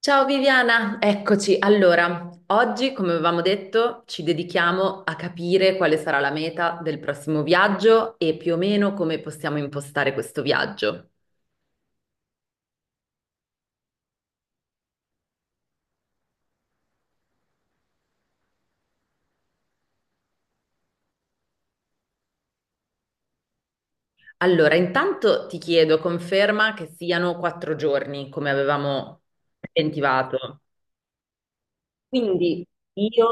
Ciao Viviana, eccoci. Allora, oggi, come avevamo detto, ci dedichiamo a capire quale sarà la meta del prossimo viaggio e più o meno come possiamo impostare questo viaggio. Allora, intanto ti chiedo conferma che siano quattro giorni, come avevamo preventivato. Quindi io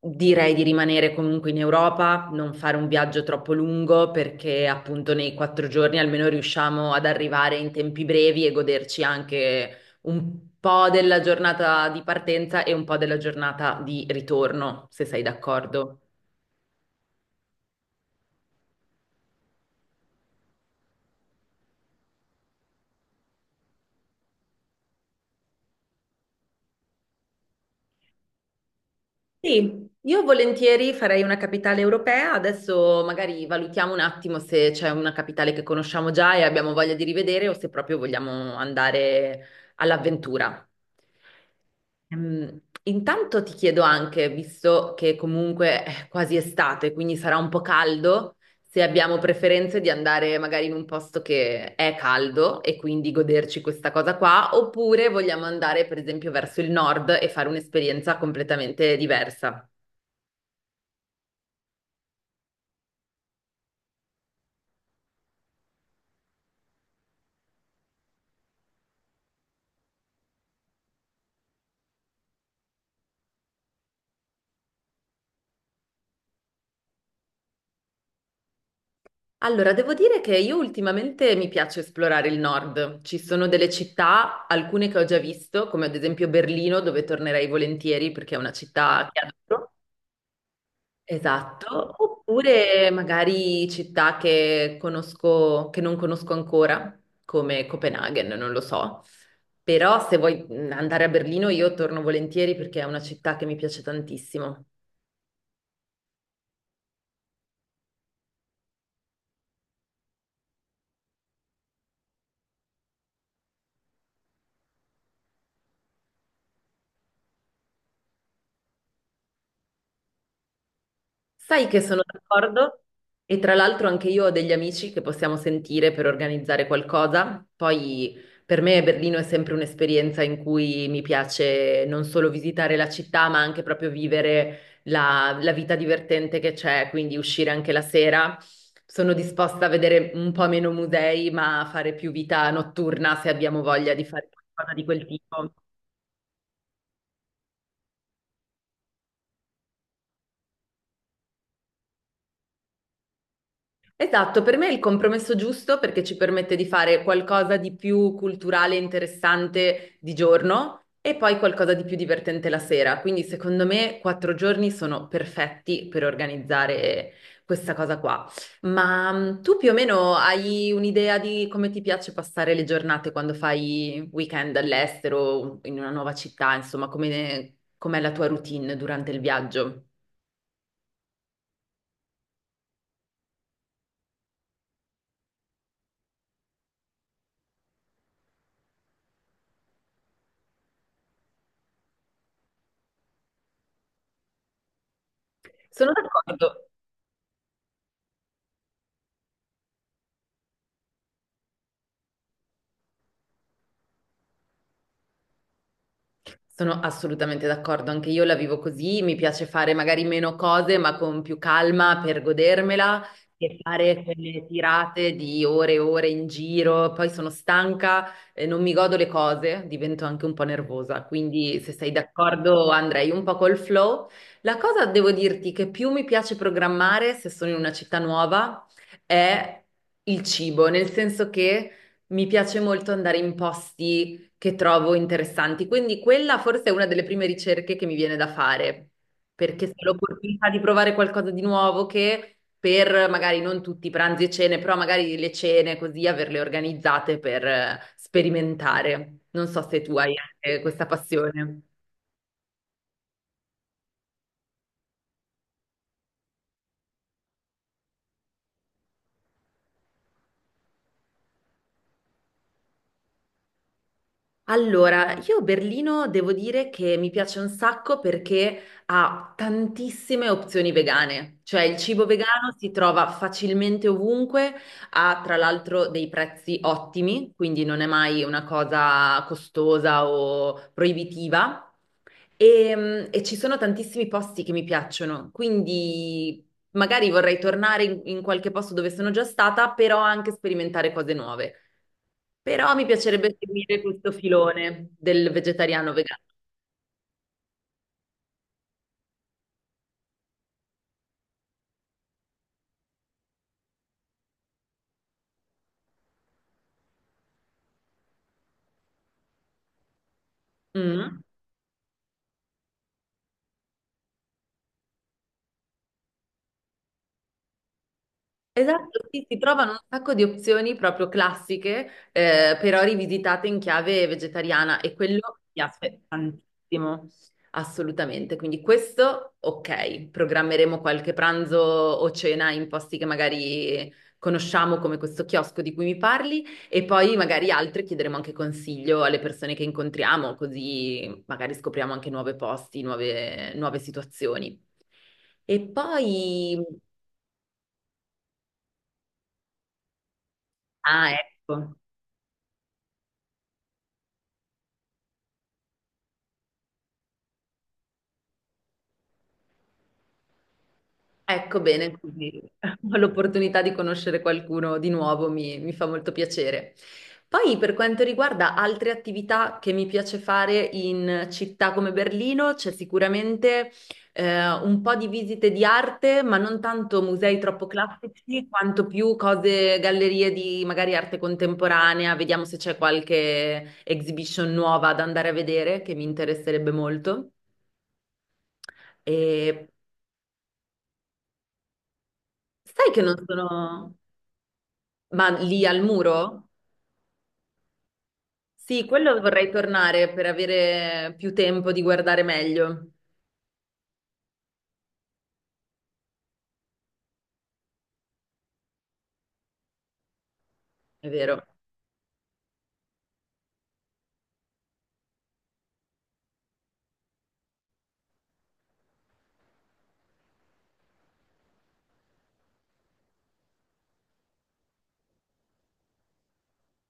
direi di rimanere comunque in Europa, non fare un viaggio troppo lungo perché appunto nei quattro giorni almeno riusciamo ad arrivare in tempi brevi e goderci anche un po' della giornata di partenza e un po' della giornata di ritorno, se sei d'accordo. Sì, io volentieri farei una capitale europea, adesso magari valutiamo un attimo se c'è una capitale che conosciamo già e abbiamo voglia di rivedere o se proprio vogliamo andare all'avventura. Intanto ti chiedo anche, visto che comunque è quasi estate, quindi sarà un po' caldo, se abbiamo preferenze di andare magari in un posto che è caldo e quindi goderci questa cosa qua, oppure vogliamo andare per esempio verso il nord e fare un'esperienza completamente diversa. Allora, devo dire che io ultimamente mi piace esplorare il nord. Ci sono delle città, alcune che ho già visto, come ad esempio Berlino, dove tornerei volentieri perché è una città che adoro. Esatto, oppure magari città che conosco, che non conosco ancora, come Copenaghen, non lo so. Però se vuoi andare a Berlino io torno volentieri perché è una città che mi piace tantissimo. Sai che sono d'accordo e tra l'altro anche io ho degli amici che possiamo sentire per organizzare qualcosa. Poi per me Berlino è sempre un'esperienza in cui mi piace non solo visitare la città, ma anche proprio vivere la vita divertente che c'è, quindi uscire anche la sera. Sono disposta a vedere un po' meno musei, ma a fare più vita notturna se abbiamo voglia di fare qualcosa di quel tipo. Esatto, per me è il compromesso giusto perché ci permette di fare qualcosa di più culturale e interessante di giorno e poi qualcosa di più divertente la sera. Quindi secondo me quattro giorni sono perfetti per organizzare questa cosa qua. Ma tu più o meno hai un'idea di come ti piace passare le giornate quando fai weekend all'estero, in una nuova città, insomma, com'è la tua routine durante il viaggio? Sono d'accordo. Sono assolutamente d'accordo, anche io la vivo così, mi piace fare magari meno cose, ma con più calma per godermela che fare quelle tirate di ore e ore in giro, poi sono stanca, non mi godo le cose, divento anche un po' nervosa, quindi se sei d'accordo andrei un po' col flow. La cosa devo dirti che più mi piace programmare se sono in una città nuova è il cibo, nel senso che mi piace molto andare in posti che trovo interessanti. Quindi quella forse è una delle prime ricerche che mi viene da fare, perché se ho l'opportunità di provare qualcosa di nuovo che per magari non tutti i pranzi e cene, però magari le cene così averle organizzate per sperimentare. Non so se tu hai anche questa passione. Allora, io Berlino devo dire che mi piace un sacco perché ha tantissime opzioni vegane, cioè il cibo vegano si trova facilmente ovunque, ha tra l'altro dei prezzi ottimi, quindi non è mai una cosa costosa o proibitiva. E, e ci sono tantissimi posti che mi piacciono, quindi magari vorrei tornare in qualche posto dove sono già stata, però anche sperimentare cose nuove. Però mi piacerebbe seguire questo filone del vegetariano vegano. Mm. Esatto, sì, si trovano un sacco di opzioni proprio classiche, però rivisitate in chiave vegetariana e quello mi aspetta tantissimo, assolutamente. Quindi questo, ok, programmeremo qualche pranzo o cena in posti che magari conosciamo come questo chiosco di cui mi parli e poi magari altri chiederemo anche consiglio alle persone che incontriamo, così magari scopriamo anche nuovi posti, nuove situazioni. E poi... Ah, ecco. Ecco bene, così ho l'opportunità di conoscere qualcuno di nuovo, mi fa molto piacere. Poi per quanto riguarda altre attività che mi piace fare in città come Berlino, c'è sicuramente un po' di visite di arte, ma non tanto musei troppo classici, quanto più cose, gallerie di magari arte contemporanea, vediamo se c'è qualche exhibition nuova da andare a vedere che mi interesserebbe molto. E sai che non sono... Ma lì al muro? Sì, quello vorrei tornare per avere più tempo di guardare meglio, è vero.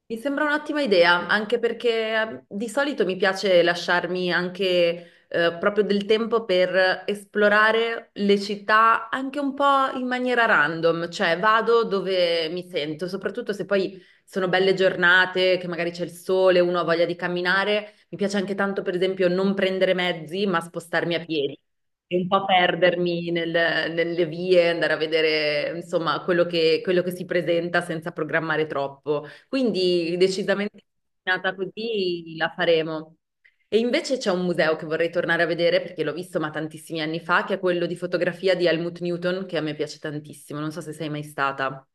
Mi sembra un'ottima idea, anche perché di solito mi piace lasciarmi anche proprio del tempo per esplorare le città anche un po' in maniera random, cioè vado dove mi sento, soprattutto se poi sono belle giornate, che magari c'è il sole, uno ha voglia di camminare. Mi piace anche tanto, per esempio, non prendere mezzi, ma spostarmi a piedi e un po' perdermi nelle vie, andare a vedere, insomma, quello che si presenta senza programmare troppo. Quindi decisamente nata così la faremo. E invece c'è un museo che vorrei tornare a vedere perché l'ho visto ma tantissimi anni fa, che è quello di fotografia di Helmut Newton, che a me piace tantissimo. Non so se sei mai stata.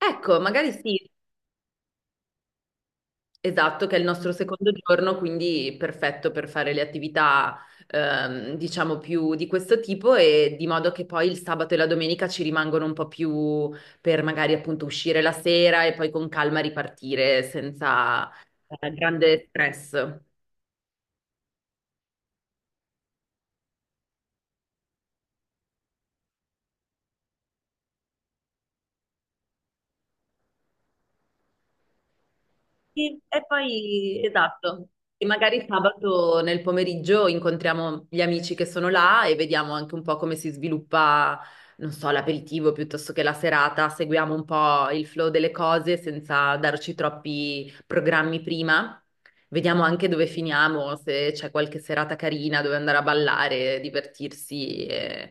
Ecco, magari sì. Esatto, che è il nostro secondo giorno, quindi perfetto per fare le attività, diciamo, più di questo tipo e di modo che poi il sabato e la domenica ci rimangono un po' più per magari appunto uscire la sera e poi con calma ripartire senza, grande stress. Sì, e poi, esatto, e magari sabato nel pomeriggio incontriamo gli amici che sono là e vediamo anche un po' come si sviluppa, non so, l'aperitivo piuttosto che la serata, seguiamo un po' il flow delle cose senza darci troppi programmi prima, vediamo anche dove finiamo, se c'è qualche serata carina dove andare a ballare, divertirsi.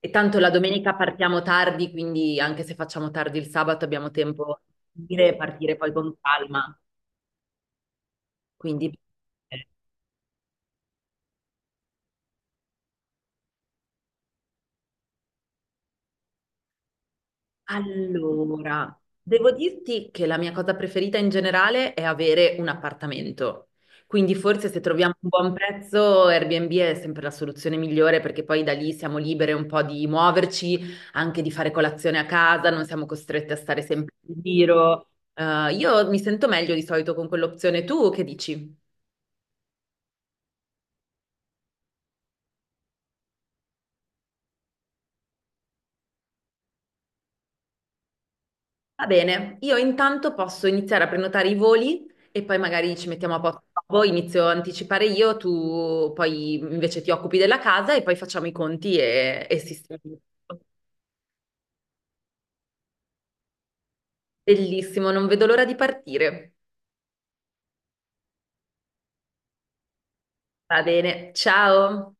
E tanto la domenica partiamo tardi, quindi anche se facciamo tardi il sabato abbiamo tempo di partire poi con calma. Quindi, allora, devo dirti che la mia cosa preferita in generale è avere un appartamento. Quindi forse se troviamo un buon prezzo, Airbnb è sempre la soluzione migliore perché poi da lì siamo libere un po' di muoverci, anche di fare colazione a casa, non siamo costrette a stare sempre in giro. Io mi sento meglio di solito con quell'opzione. Tu che dici? Va bene, io intanto posso iniziare a prenotare i voli e poi magari ci mettiamo a posto. Poi inizio a anticipare io, tu poi invece ti occupi della casa e poi facciamo i conti e sistemiamo tutto. Bellissimo, non vedo l'ora di partire. Va bene, ciao.